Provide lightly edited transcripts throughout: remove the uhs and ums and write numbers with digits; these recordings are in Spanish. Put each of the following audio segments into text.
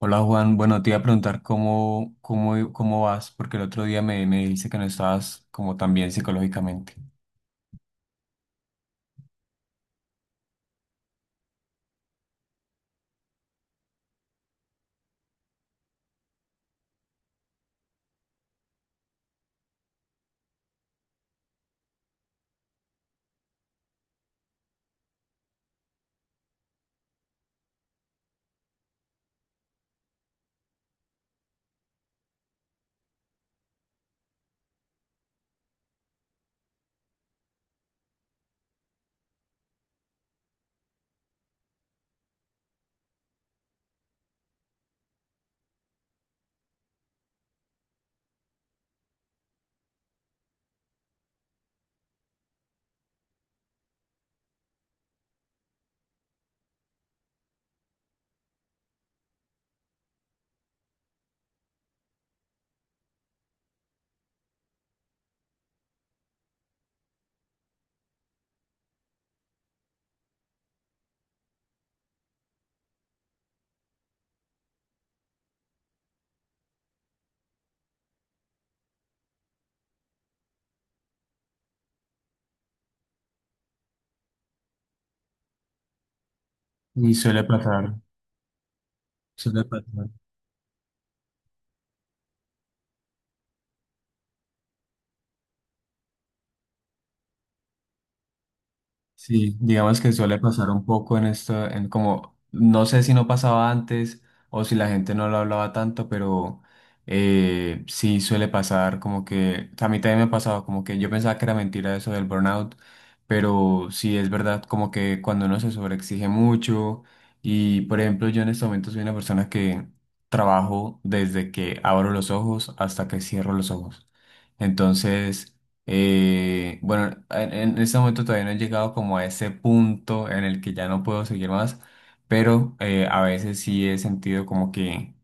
Hola Juan, bueno, te iba a preguntar cómo vas, porque el otro día me dijiste que no estabas como tan bien psicológicamente. Y suele pasar, suele pasar. Sí, digamos que suele pasar un poco en esto, en como, no sé si no pasaba antes o si la gente no lo hablaba tanto, pero sí suele pasar como que, a mí también me ha pasado como que yo pensaba que era mentira eso del burnout, pero sí es verdad como que cuando uno se sobreexige mucho y por ejemplo yo en este momento soy una persona que trabajo desde que abro los ojos hasta que cierro los ojos. Entonces… bueno, en este momento todavía no he llegado como a ese punto en el que ya no puedo seguir más, pero a veces sí he sentido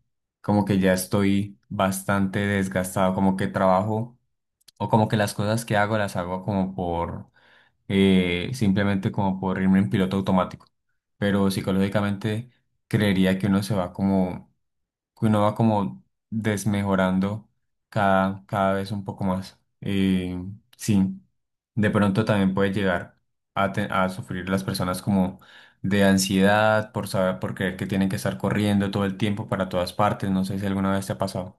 como que ya estoy bastante desgastado, como que trabajo o como que las cosas que hago las hago como por, simplemente como por irme en piloto automático, pero psicológicamente creería que uno se va como que uno va como desmejorando cada vez un poco más. Sí, de pronto también puede llegar a, a sufrir las personas como de ansiedad por saber, por creer que tienen que estar corriendo todo el tiempo para todas partes. No sé si alguna vez te ha pasado.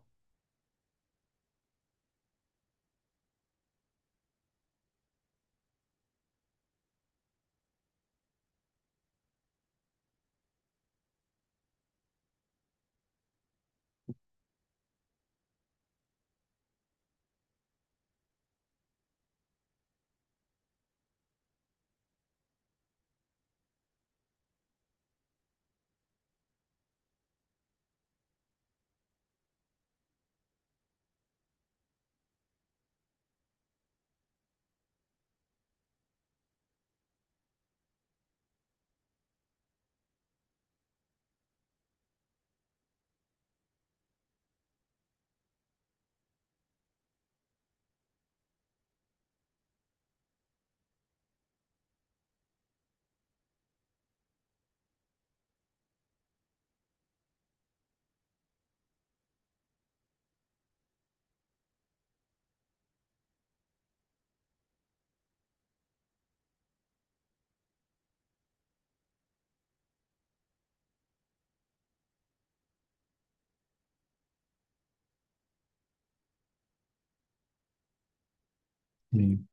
Sí,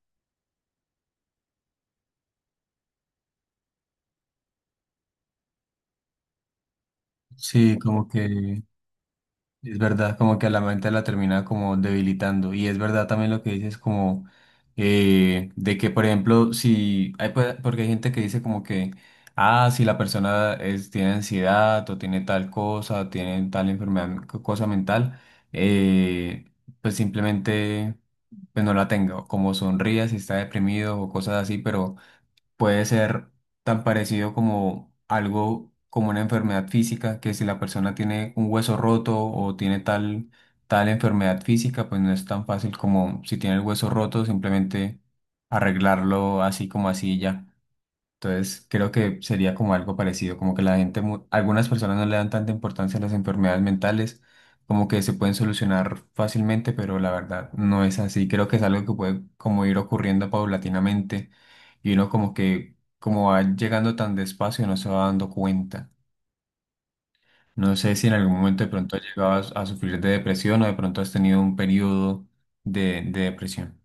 sí, como que es verdad, como que a la mente la termina como debilitando. Y es verdad también lo que dices como de que, por ejemplo, si hay, porque hay gente que dice como que, ah, si la persona es, tiene ansiedad o tiene tal cosa, tiene tal enfermedad, cosa mental, eh, pues simplemente pues no la tenga, o como sonría si está deprimido o cosas así, pero puede ser tan parecido como algo como una enfermedad física, que si la persona tiene un hueso roto o tiene tal, tal enfermedad física, pues no es tan fácil como si tiene el hueso roto, simplemente arreglarlo así como así y ya. Entonces, creo que sería como algo parecido, como que la gente, algunas personas no le dan tanta importancia a las enfermedades mentales, como que se pueden solucionar fácilmente, pero la verdad no es así. Creo que es algo que puede como ir ocurriendo paulatinamente y uno como que como va llegando tan despacio no se va dando cuenta. No sé si en algún momento de pronto has llegado a sufrir de depresión o de pronto has tenido un periodo de depresión.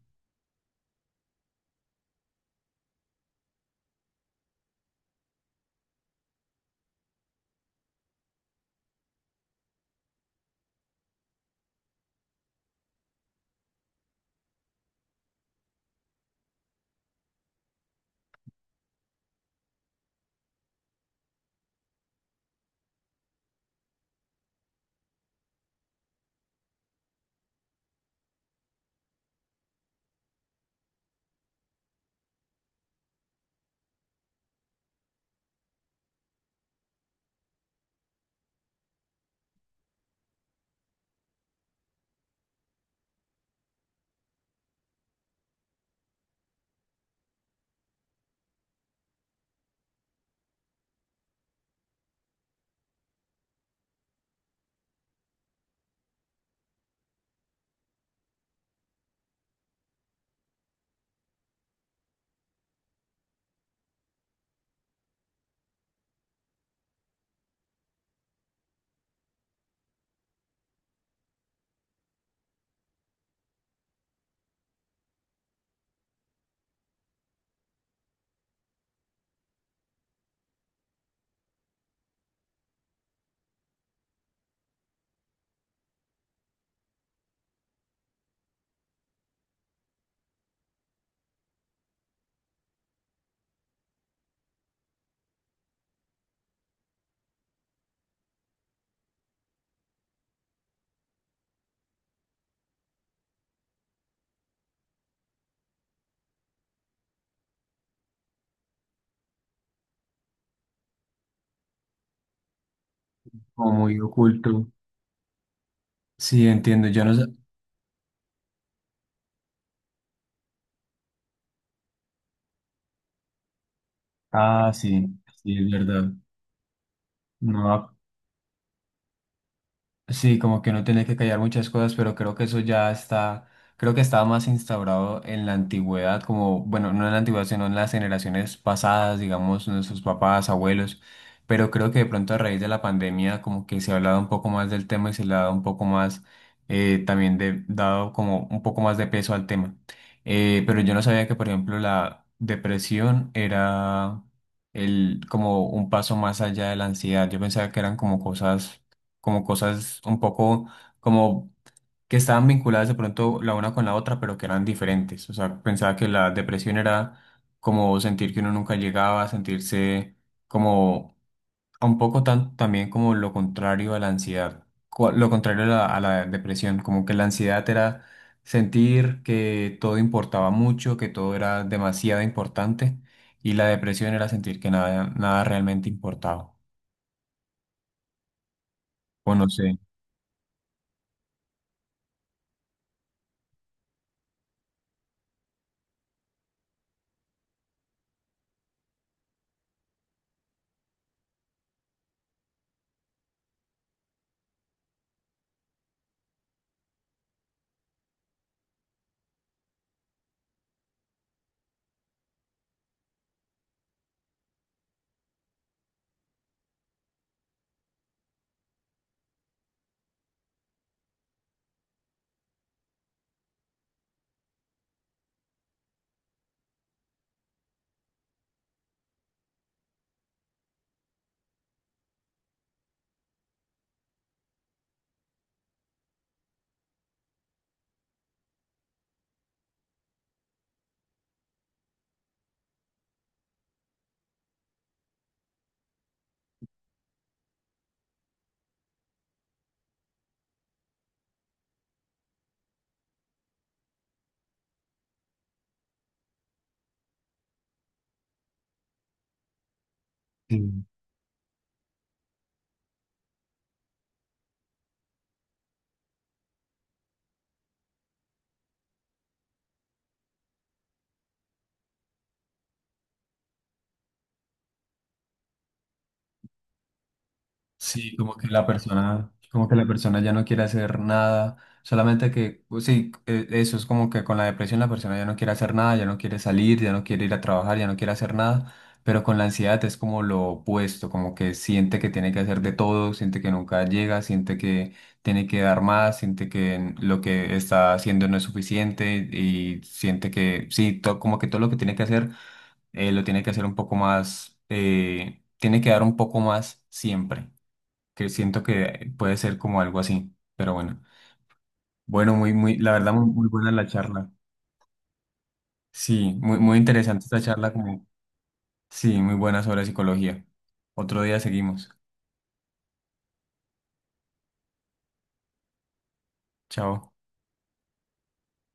Como muy oculto. Sí, entiendo. Yo no sé. Ah, sí, sí, es verdad. No, sí, como que uno tiene que callar muchas cosas, pero creo que eso ya está, creo que estaba más instaurado en la antigüedad, como, bueno, no en la antigüedad, sino en las generaciones pasadas, digamos, nuestros papás, abuelos, pero creo que de pronto a raíz de la pandemia como que se ha hablado un poco más del tema y se le ha dado un poco más, también de, dado como un poco más de peso al tema. Pero yo no sabía que, por ejemplo, la depresión era el, como un paso más allá de la ansiedad. Yo pensaba que eran como cosas un poco como que estaban vinculadas de pronto la una con la otra, pero que eran diferentes. O sea, pensaba que la depresión era como sentir que uno nunca llegaba, sentirse como un poco tan, también como lo contrario a la ansiedad, lo contrario a la depresión, como que la ansiedad era sentir que todo importaba mucho, que todo era demasiado importante. Y la depresión era sentir que nada, nada realmente importaba. O no sé. Sí, como que la persona, como que la persona ya no quiere hacer nada, solamente que, pues sí, eso es como que con la depresión la persona ya no quiere hacer nada, ya no quiere salir, ya no quiere ir a trabajar, ya no quiere hacer nada, pero con la ansiedad es como lo opuesto, como que siente que tiene que hacer de todo, siente que nunca llega, siente que tiene que dar más, siente que lo que está haciendo no es suficiente y siente que, sí, como que todo lo que tiene que hacer, lo tiene que hacer un poco más, tiene que dar un poco más siempre que siento que puede ser como algo así, pero bueno. Bueno, muy, muy, la verdad, muy, muy buena la charla. Sí, muy, muy interesante esta charla, como, sí, muy buena sobre psicología. Otro día seguimos. Chao.